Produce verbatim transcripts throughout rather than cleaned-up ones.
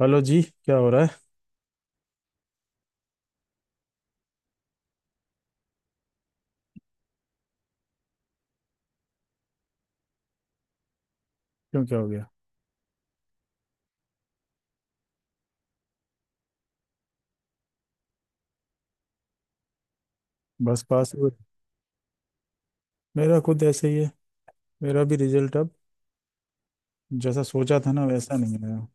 Hello जी, क्या हो रहा है। क्यों, क्या हो गया। बस पास हुए? मेरा खुद ऐसे ही है। मेरा भी रिजल्ट अब जैसा सोचा था ना, वैसा नहीं आया।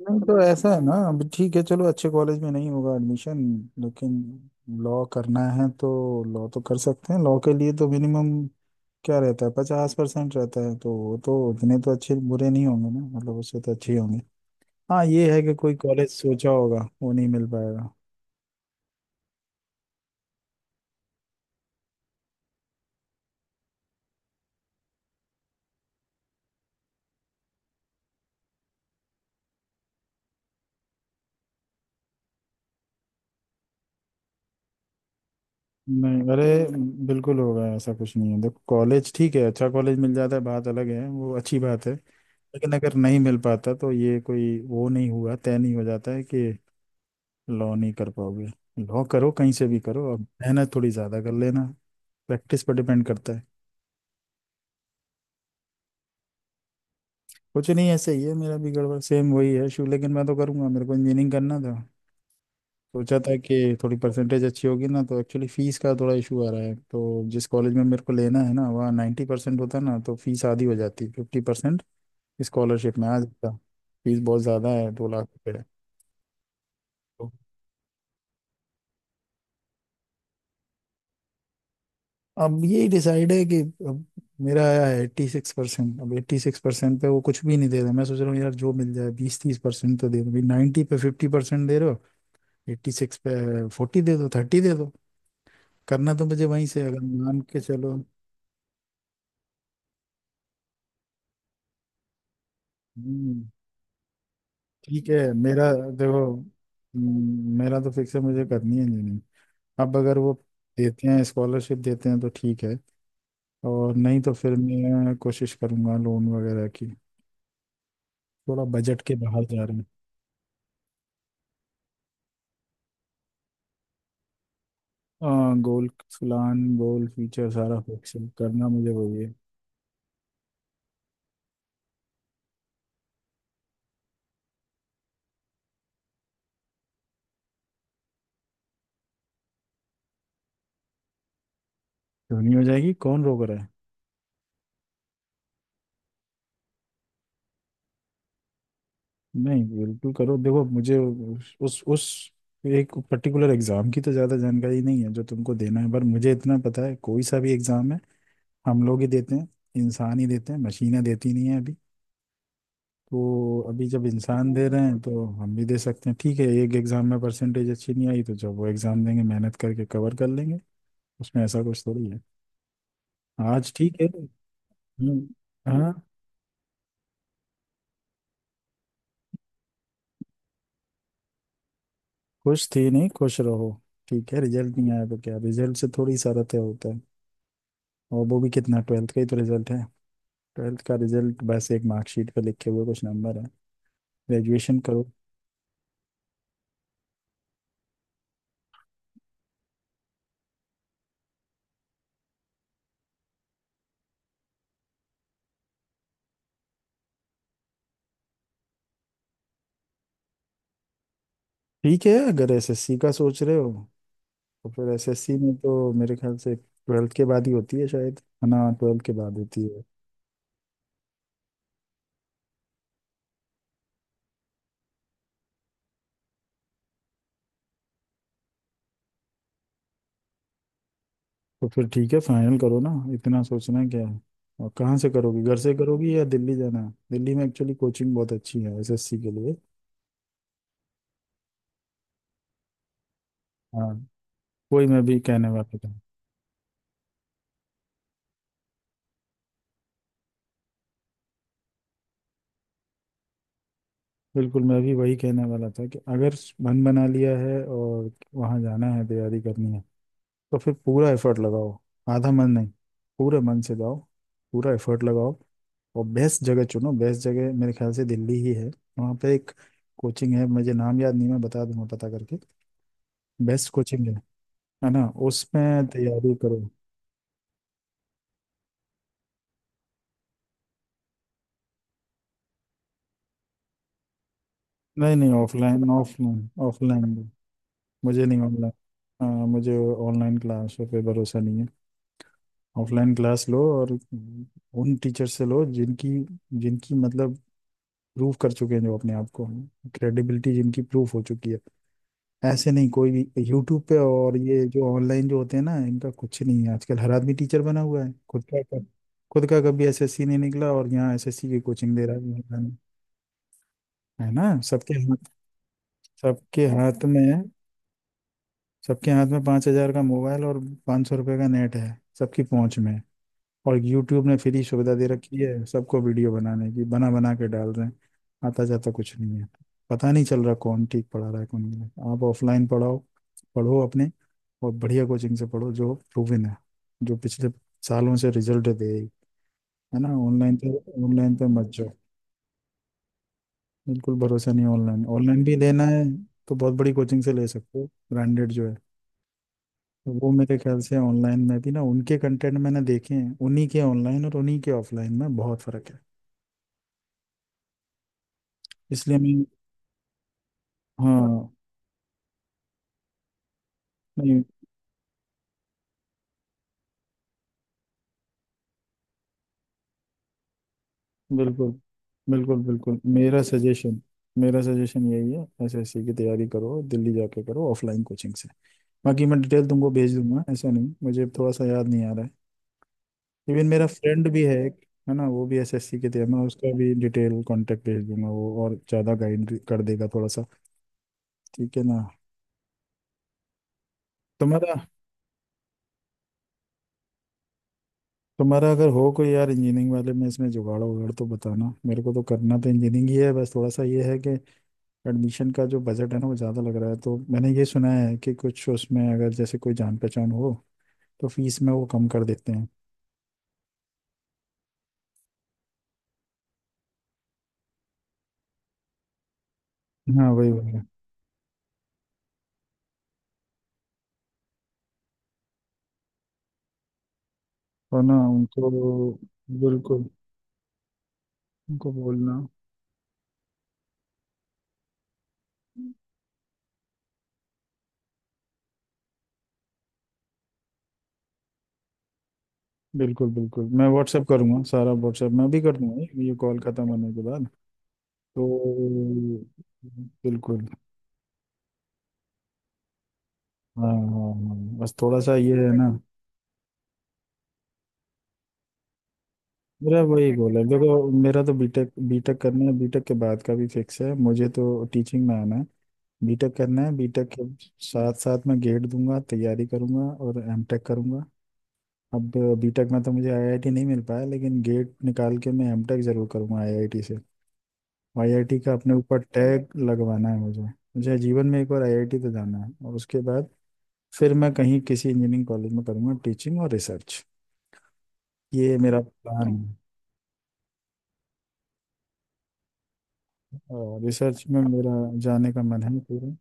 नहीं, तो ऐसा है ना, अब ठीक है, चलो अच्छे कॉलेज में नहीं होगा एडमिशन, लेकिन लॉ करना है तो लॉ तो कर सकते हैं। लॉ के लिए तो मिनिमम क्या रहता है, पचास परसेंट रहता है, तो वो तो उतने तो अच्छे बुरे नहीं होंगे ना, मतलब उससे तो अच्छे ही होंगे। हाँ, ये है कि कोई कॉलेज सोचा होगा वो नहीं मिल पाएगा। नहीं, अरे बिल्कुल होगा, ऐसा कुछ नहीं है। देखो, कॉलेज ठीक है, अच्छा कॉलेज मिल जाता है बात अलग है, वो अच्छी बात है। लेकिन अगर नहीं मिल पाता तो ये कोई वो नहीं हुआ, तय नहीं हो जाता है कि लॉ नहीं कर पाओगे। लॉ करो, कहीं से भी करो, अब मेहनत थोड़ी ज़्यादा कर लेना। प्रैक्टिस पर डिपेंड करता है। कुछ नहीं, ऐसे ही है, मेरा भी गड़बड़ सेम वही है इशू, लेकिन मैं तो करूँगा, मेरे को इंजीनियरिंग करना था। सोचा था कि थोड़ी परसेंटेज अच्छी होगी ना, तो एक्चुअली फीस का थोड़ा इशू आ रहा है। तो जिस कॉलेज में मेरे को लेना है ना, वहाँ नाइन्टी परसेंट होता ना तो फीस आधी हो जाती, फिफ्टी परसेंट स्कॉलरशिप में आ जाता। फीस बहुत ज़्यादा है, दो लाख रुपये है। तो अब यही डिसाइड है कि अब मेरा आया है एट्टी सिक्स परसेंट। अब एट्टी सिक्स परसेंट पे वो कुछ भी नहीं दे रहा। मैं सोच रहा हूँ यार, जो मिल जाए, बीस तीस परसेंट तो दे दो भाई। नाइन्टी पे फिफ्टी परसेंट दे रहे हो, एट्टी सिक्स पे फोर्टी दे दो, थर्टी दे दो। करना तो मुझे वहीं से है, अगर मान के चलो। हम्म, ठीक है। मेरा देखो, हम्म, मेरा तो फिक्स है, मुझे करनी है इंजीनियरिंग। अब अगर वो देते हैं, स्कॉलरशिप देते हैं तो ठीक है, और नहीं तो फिर मैं कोशिश करूंगा लोन वगैरह की। थोड़ा बजट के बाहर जा रहे हैं। हाँ, गोल प्लान गोल फ्यूचर सारा फिक्स करना, मुझे वही है। क्यों नहीं हो जाएगी, कौन रोक रहा है। नहीं, बिल्कुल करो। देखो, मुझे उस उस उस एक पर्टिकुलर एग्जाम की तो ज़्यादा जानकारी नहीं है जो तुमको देना है, पर मुझे इतना पता है कोई सा भी एग्जाम है हम लोग ही देते हैं, इंसान ही देते हैं, मशीनें देती नहीं है अभी। तो अभी जब इंसान दे रहे हैं तो हम भी दे सकते हैं। ठीक है, एक एग्जाम में परसेंटेज अच्छी नहीं आई तो जब वो एग्जाम देंगे, मेहनत करके कवर कर लेंगे। उसमें ऐसा कुछ थोड़ी है। आज ठीक है। हम्म, हाँ। खुश थी? नहीं, खुश रहो। ठीक है, रिजल्ट नहीं आया तो क्या, रिजल्ट से थोड़ी सा रते होता है। और वो भी कितना, ट्वेल्थ का ही तो रिजल्ट है। ट्वेल्थ का रिजल्ट बस एक मार्कशीट पे लिखे हुए कुछ नंबर है, ग्रेजुएशन करो। ठीक है, अगर एस एस सी का सोच रहे हो तो फिर एस एस सी में तो मेरे ख्याल से ट्वेल्थ के बाद ही होती है शायद, है ना, ट्वेल्थ के बाद होती है। तो फिर ठीक है, फाइनल करो ना, इतना सोचना क्या है। और कहाँ से करोगी, घर से करोगी या दिल्ली जाना है? दिल्ली में एक्चुअली कोचिंग बहुत अच्छी है एस एस सी के लिए। हाँ, वही मैं भी कहने वाला था। बिल्कुल, मैं भी वही कहने वाला था कि अगर मन बना लिया है और वहाँ जाना है, तैयारी करनी है तो फिर पूरा एफर्ट लगाओ, आधा मन नहीं, पूरे मन से जाओ, पूरा एफर्ट लगाओ, और बेस्ट जगह चुनो। बेस्ट जगह मेरे ख्याल से दिल्ली ही है। वहाँ पे एक कोचिंग है, मुझे नाम याद नहीं, मैं बता दूंगा पता करके। बेस्ट कोचिंग है है ना, उसमें तैयारी करो। नहीं नहीं, ऑफलाइन ऑफलाइन ऑफलाइन। मुझे नहीं ऑनलाइन। हाँ, मुझे ऑनलाइन क्लासों पे भरोसा नहीं है। ऑफलाइन क्लास लो और उन टीचर से लो जिनकी जिनकी मतलब प्रूव कर चुके हैं जो अपने आप को, क्रेडिबिलिटी जिनकी प्रूफ हो चुकी है। ऐसे नहीं कोई भी यूट्यूब पे, और ये जो ऑनलाइन जो होते हैं ना, इनका कुछ नहीं है। आजकल हर आदमी टीचर बना हुआ है, खुद का खुद का कभी एस एस सी नहीं निकला और यहाँ एस एस सी की कोचिंग दे रहा है। है ना, सबके हाथ, सबके हाथ में, सबके हाथ में पांच हजार का मोबाइल और पांच सौ रुपए का नेट है, सबकी पहुंच में। और यूट्यूब ने फ्री सुविधा दे रखी है सबको वीडियो बनाने की, बना बना के डाल रहे हैं, आता जाता कुछ नहीं है। पता नहीं चल रहा कौन ठीक पढ़ा रहा है कौन नहीं। आप ऑफलाइन पढ़ाओ, पढ़ो अपने, और बढ़िया कोचिंग से पढ़ो जो प्रूवन है, जो पिछले सालों से रिजल्ट दे रही, है ना। ऑनलाइन पे, ऑनलाइन पे मत जाओ। बिल्कुल भरोसा नहीं। ऑनलाइन, ऑनलाइन भी लेना है तो बहुत बड़ी कोचिंग से ले सकते हो, ब्रांडेड जो है। तो वो मेरे ख्याल से ऑनलाइन में भी ना, उनके कंटेंट मैंने देखे हैं, उन्हीं के ऑनलाइन और उन्हीं के ऑफलाइन में बहुत फर्क है। इसलिए मैं, हाँ नहीं, बिल्कुल बिल्कुल बिल्कुल। मेरा सजेशन मेरा सजेशन यही है, एसएससी की तैयारी करो, दिल्ली जाके करो, ऑफलाइन कोचिंग से। बाकी मैं डिटेल तुमको भेज दूंगा, ऐसा नहीं, मुझे थोड़ा सा याद नहीं आ रहा है। इवन मेरा फ्रेंड भी है एक, है ना, वो भी एस एस सी की तैयारी, मैं उसका भी डिटेल कांटेक्ट भेज दूंगा, वो और ज़्यादा गाइड कर देगा थोड़ा सा। ठीक है ना। तुम्हारा तुम्हारा अगर हो कोई यार इंजीनियरिंग वाले में इसमें जुगाड़ वगाड़ तो बताना मेरे को, तो करना तो इंजीनियरिंग ही है, बस थोड़ा सा ये है कि एडमिशन का जो बजट है ना, वो ज़्यादा लग रहा है। तो मैंने ये सुना है कि कुछ उसमें अगर जैसे कोई जान पहचान हो तो फीस में वो कम कर देते हैं। हाँ, वही वही। और ना उनको बिल्कुल उनको बोलना। बिल्कुल बिल्कुल, मैं व्हाट्सएप करूँगा सारा, व्हाट्सएप मैं भी कर दूंगा ये कॉल ख़त्म होने के बाद। तो बिल्कुल। हाँ हाँ हाँ, बस थोड़ा सा ये है ना। मेरा वही गोल है, देखो मेरा तो बीटेक बीटेक करना है, बीटेक के बाद का भी फिक्स है, मुझे तो टीचिंग में आना है। बीटेक करना है, बीटेक के साथ साथ मैं गेट दूंगा, तैयारी करूंगा, और एमटेक करूंगा। अब बीटेक में तो मुझे आई आई टी नहीं मिल पाया, लेकिन गेट निकाल के मैं एमटेक जरूर करूंगा आई आई टी से। आईआईटी का अपने ऊपर टैग लगवाना है मुझे, मुझे जीवन में एक बार आई आई टी तो जाना है, और उसके बाद फिर मैं कहीं किसी इंजीनियरिंग कॉलेज में करूंगा टीचिंग और रिसर्च। ये मेरा प्लान है। और रिसर्च में मेरा जाने का मन है पूरा।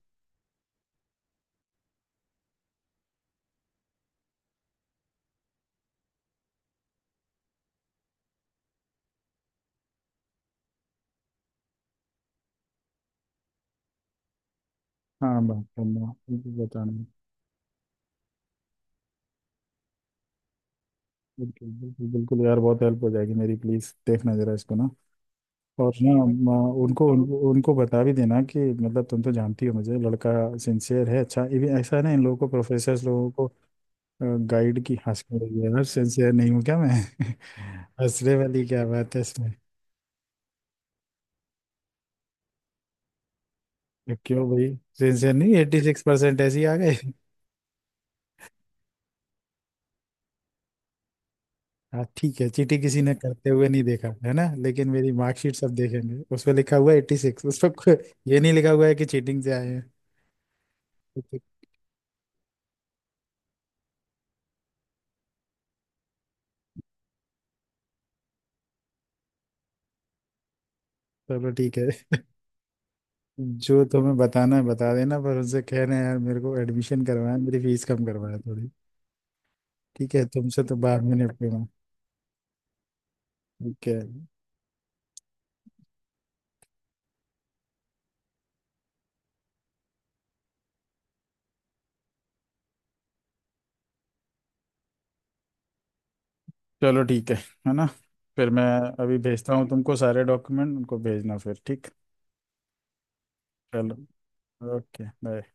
हाँ बात करना, बिल्कुल बताना। बिल्कुल बिल्कुल बिल्कुल यार, बहुत हेल्प हो जाएगी मेरी, प्लीज देखना जरा इसको ना। और ना म, उनको उन, उनको बता भी देना कि, मतलब तुम तो जानती हो, मुझे लड़का सिंसियर है। अच्छा ये भी ऐसा है ना, इन लोगों को, प्रोफेसर लोगों को गाइड की हंसने लगी है यार, सिंसियर नहीं हूँ क्या मैं? हंसने वाली क्या बात है इसमें। तो क्यों भाई, सिंसियर नहीं, एट्टी सिक्स परसेंट ऐसे ही आ गए? हाँ ठीक है, चीटी किसी ने करते हुए नहीं देखा है ना, लेकिन मेरी मार्कशीट सब देखेंगे, उस पर लिखा हुआ है एट्टी सिक्स, उस पर ये नहीं लिखा हुआ है कि चीटिंग से आए हैं। तो चलो ठीक है, जो तुम्हें बताना है बता देना, पर उनसे कहना है, यार मेरे को एडमिशन करवाना है, मेरी फीस कम करवाना थोड़ी। ठीक है, तुमसे तो बाद में निपटूंगा। ठीक है, चलो ठीक है है ना, फिर मैं अभी भेजता हूँ तुमको सारे डॉक्यूमेंट, उनको भेजना फिर ठीक। चलो, ओके बाय।